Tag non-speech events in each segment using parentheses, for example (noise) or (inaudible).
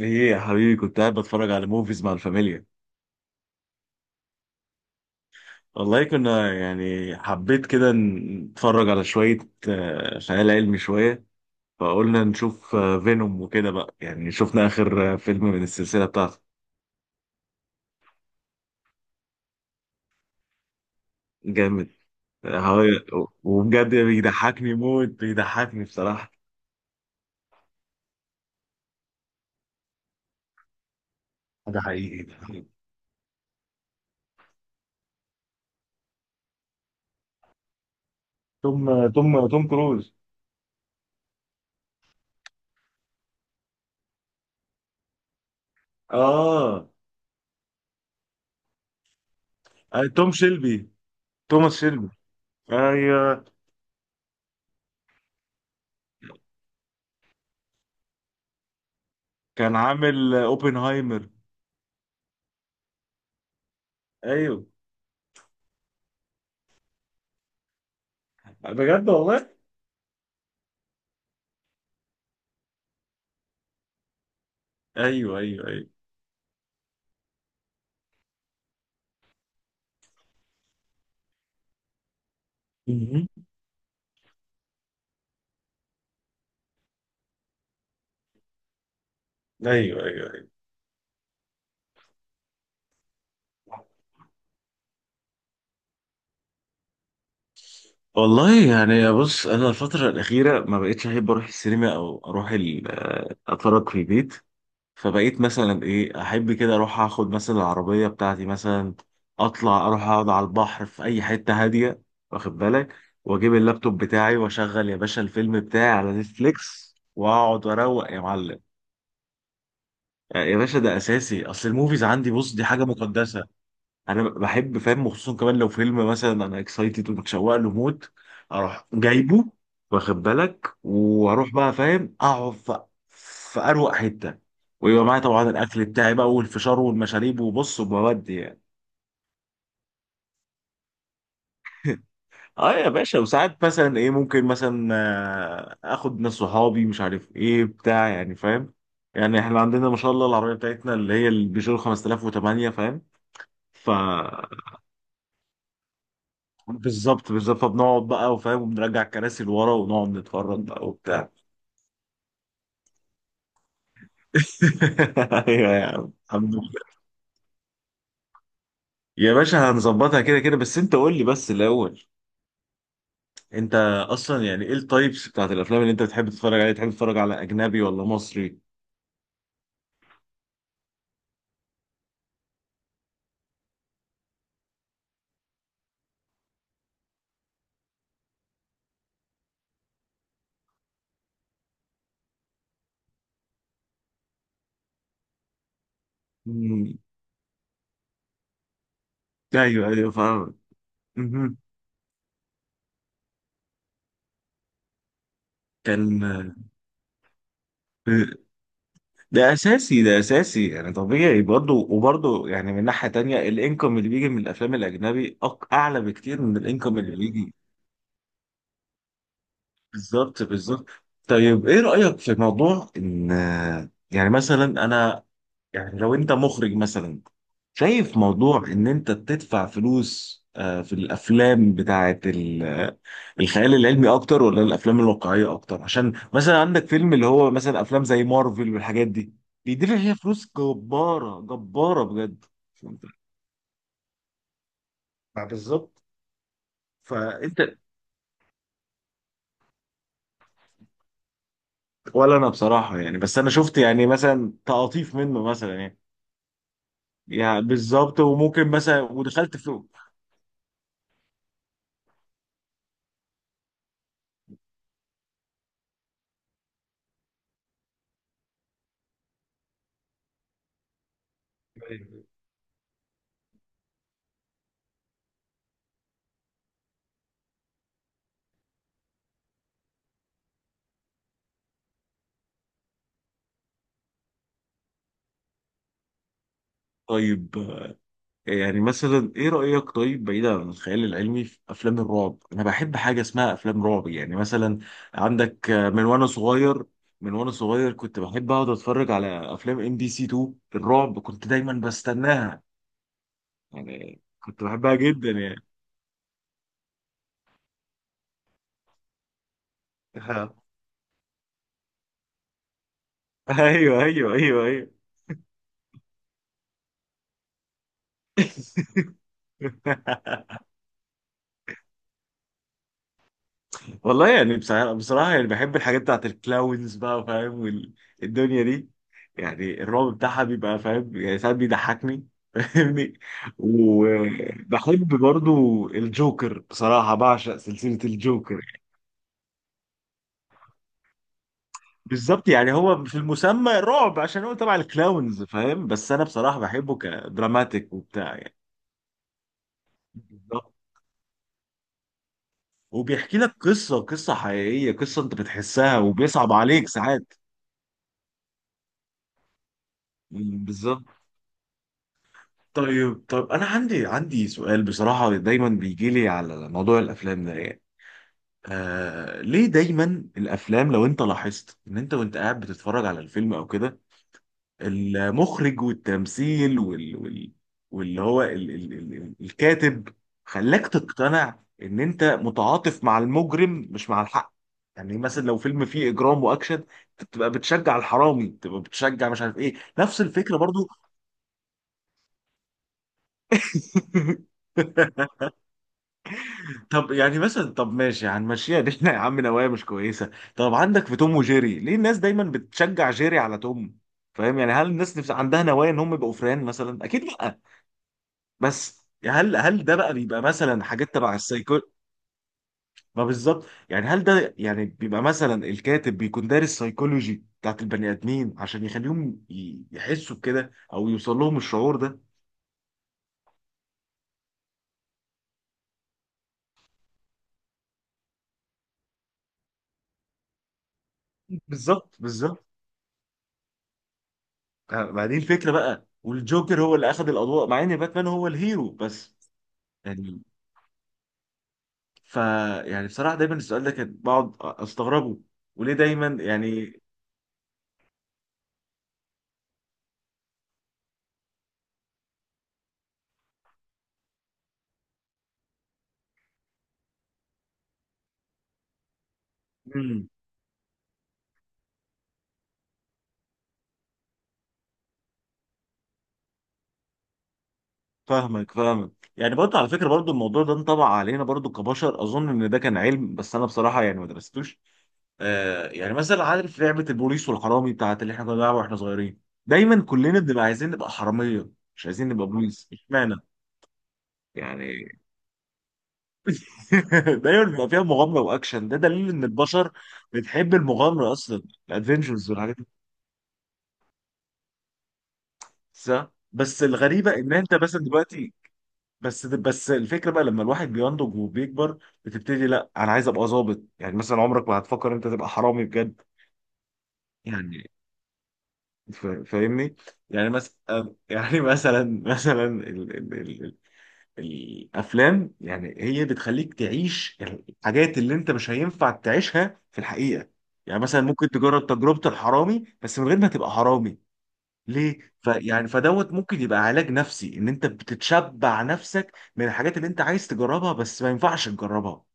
ايه يا حبيبي، كنت قاعد بتفرج على موفيز مع الفاميليا. والله كنا يعني حبيت كده نتفرج على شوية خيال علمي شوية. فقلنا نشوف فينوم وكده بقى، يعني شفنا آخر فيلم من السلسلة بتاعته. جامد. وبجد بيضحكني موت، بيضحكني بصراحة. ده حقيقي، ده حقيقي. توم كروز. اه، توم شيلبي. توماس شيلبي. ايوه. كان عامل اوبنهايمر. ايوه بجد والله. ايوه ايوه ايوه. مهم. ايوه ايوه ايوه. والله يعني بص، انا الفتره الاخيره ما بقتش احب اروح السينما، او اروح اتفرج في البيت. فبقيت مثلا ايه، احب كده اروح اخد مثلا العربيه بتاعتي مثلا، اطلع اروح اقعد على البحر في اي حته هاديه، واخد بالك، واجيب اللابتوب بتاعي واشغل يا باشا الفيلم بتاعي على نتفليكس واقعد اروق يا معلم. يا باشا ده اساسي، اصل الموفيز عندي بص دي حاجه مقدسه. انا بحب فاهم، وخصوصا كمان لو فيلم مثلا انا اكسايتد ومتشوق له موت، اروح جايبه، واخد بالك، واروح بقى فاهم اقعد في اروق حته، ويبقى معايا طبعا الاكل بتاعي بقى والفشار والمشاريب، وبص وبودي يعني. اه يا باشا، وساعات مثلا ايه، ممكن مثلا اخد ناس صحابي، مش عارف ايه بتاع يعني فاهم. يعني احنا عندنا ما شاء الله العربيه بتاعتنا اللي هي البيجو 5008 فاهم. ف بالظبط بالظبط، فبنقعد بقى وفاهم، وبنرجع الكراسي لورا ونقعد نتفرج بقى وبتاع. (laughs) ايوه يا عم الحمد لله. يا باشا هنظبطها كده كده، بس انت قول لي بس الاول، انت اصلا يعني ايه التايبس بتاعت الافلام اللي انت بتحب تتفرج عليها؟ تحب تتفرج على اجنبي ولا مصري؟ مم. ايوه ايوه فاهم. مهم. كان ده اساسي، ده اساسي، يعني طبيعي برضه. وبرضه يعني من ناحيه تانية، الانكم اللي بيجي من الافلام الاجنبي اعلى بكتير من الانكم اللي بيجي. بالظبط بالظبط. طيب ايه رأيك في موضوع ان يعني مثلا انا، يعني لو انت مخرج مثلا، شايف موضوع ان انت تدفع فلوس في الافلام بتاعت الخيال العلمي اكتر، ولا الافلام الواقعية اكتر؟ عشان مثلا عندك فيلم اللي هو مثلا افلام زي مارفل والحاجات دي بيدفع فيها فلوس جبارة، جبارة بجد. فهمت؟ ما بالظبط. فانت، ولا انا بصراحة يعني، بس انا شفت يعني مثلا تقاطيف منه مثلا، يعني يعني بالظبط، وممكن مثلا ودخلت في. طيب يعني مثلا ايه رأيك، طيب بعيدا عن الخيال العلمي، في افلام الرعب انا بحب حاجة اسمها افلام رعب، يعني مثلا عندك من وانا صغير، كنت بحب اقعد اتفرج على افلام ام بي سي 2 الرعب، كنت دايما بستناها يعني، كنت بحبها جدا يعني. (laughs) ايوه ايوه ايوه ايوه. (laughs) والله يعني بصراحة, يعني بحب الحاجات بتاعت الكلاونز بقى فاهم، والدنيا دي. يعني الرعب بتاعها بيبقى فاهم يعني، ساعات بيضحكني (laughs) فاهمني. وبحب برضو الجوكر، بصراحة بعشق سلسلة الجوكر. بالظبط، يعني هو في المسمى رعب عشان هو تبع الكلاونز فاهم، بس أنا بصراحة بحبه كدراماتيك وبتاع يعني. بالظبط. وبيحكي لك قصة، قصة حقيقية، قصة أنت بتحسها وبيصعب عليك ساعات. مم، بالظبط. طيب، انا عندي سؤال بصراحه دايما بيجي لي على موضوع الافلام ده يعني. آه ليه دايما الافلام، لو انت لاحظت، ان انت وانت قاعد بتتفرج على الفيلم او كده، المخرج والتمثيل واللي هو الكاتب خلاك تقتنع ان انت متعاطف مع المجرم مش مع الحق؟ يعني مثلا لو فيلم فيه اجرام واكشن، تبقى بتشجع الحرامي، تبقى بتشجع مش عارف ايه. نفس الفكره برضو. (laughs) طب يعني مثلا، طب ماشي هنمشيها دي، (laughs) احنا يا عم نوايا مش كويسه. طب عندك في توم وجيري، ليه الناس دايما بتشجع جيري على توم؟ فاهم يعني، هل الناس نفس عندها نوايا ان هم يبقوا فران مثلا؟ اكيد لا. بس هل هل ده بقى بيبقى مثلا حاجات تبع السايكو؟ ما بالظبط، يعني هل ده يعني بيبقى مثلا الكاتب بيكون دارس سايكولوجي بتاعت البني ادمين عشان يخليهم يحسوا بكده، او يوصل لهم الشعور ده؟ بالظبط بالظبط. ما دي الفكره بقى، والجوكر هو اللي اخذ الاضواء مع ان باتمان هو الهيرو بس. يعني، ف يعني بصراحة دايما السؤال ده كان بقعد استغربه، وليه دايما يعني. امم، فاهمك فاهمك، يعني برضه على فكرة برضه الموضوع ده انطبع علينا برضه كبشر. اظن ان ده كان علم، بس انا بصراحة يعني ما درستوش. آه يعني مثلا، عارف لعبة البوليس والحرامي بتاعت اللي احنا كنا بنلعبها واحنا صغيرين؟ دايما كلنا بنبقى عايزين نبقى حرامية، مش عايزين نبقى بوليس، اشمعنى؟ يعني (laughs) دايما بيبقى فيها مغامرة واكشن، ده دليل ان البشر بتحب المغامرة اصلا. الادفنتشرز والحاجات. صح. بس الغريبه ان انت مثلا دلوقتي، بس بس الفكره بقى لما الواحد بينضج وبيكبر، بتبتدي لا انا عايز ابقى ظابط. يعني مثلا عمرك ما هتفكر انت تبقى حرامي بجد. يعني فاهمني، يعني مثلا، يعني (laughs) مثلا مثلا ال ال ال ال الافلام، يعني هي بتخليك تعيش الحاجات اللي انت مش هينفع تعيشها في الحقيقه. يعني مثلا ممكن تجرب تجربه الحرامي بس من غير ما تبقى حرامي. ليه؟ فيعني فدوت ممكن يبقى علاج نفسي ان انت بتتشبع نفسك من الحاجات اللي انت عايز تجربها بس ما ينفعش تجربها.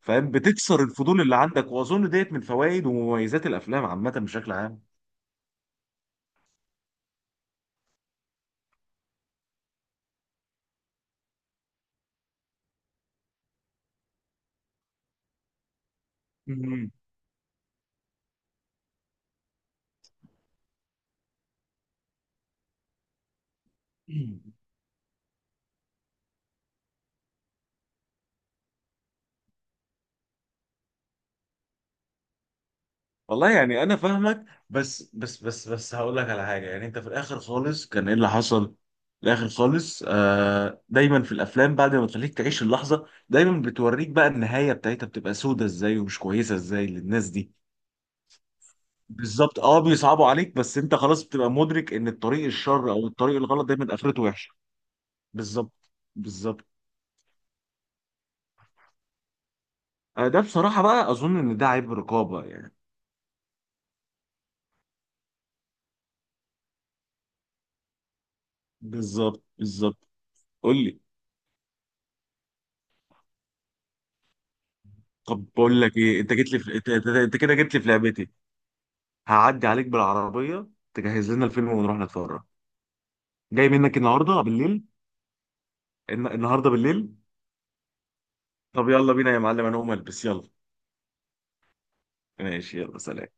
فاهم، بتكسر الفضول اللي عندك، واظن ديت من فوائد ومميزات الافلام عامه بشكل عام. مم. والله يعني انا فاهمك. بس هقول لك على حاجه، يعني انت في الاخر خالص كان ايه اللي حصل؟ في الاخر خالص آه دايما في الافلام بعد ما تخليك تعيش اللحظه، دايما بتوريك بقى النهايه بتاعتها بتبقى سودة ازاي ومش كويسه ازاي للناس دي. بالظبط، اه بيصعبوا عليك، بس انت خلاص بتبقى مدرك ان الطريق الشر او الطريق الغلط دايما اخرته وحشه. بالظبط بالظبط. ده بصراحه بقى اظن ان ده عيب رقابه يعني. بالظبط بالظبط. قول لي. طب بقول لك ايه، انت جيت لي في... انت كده جيت لي في لعبتي. هعدي عليك بالعربيه، تجهز لنا الفيلم ونروح نتفرج. جاي منك النهارده بالليل. النهارده بالليل. طب يلا بينا يا معلم، انا هقوم البس يلا. ماشي يلا، سلام.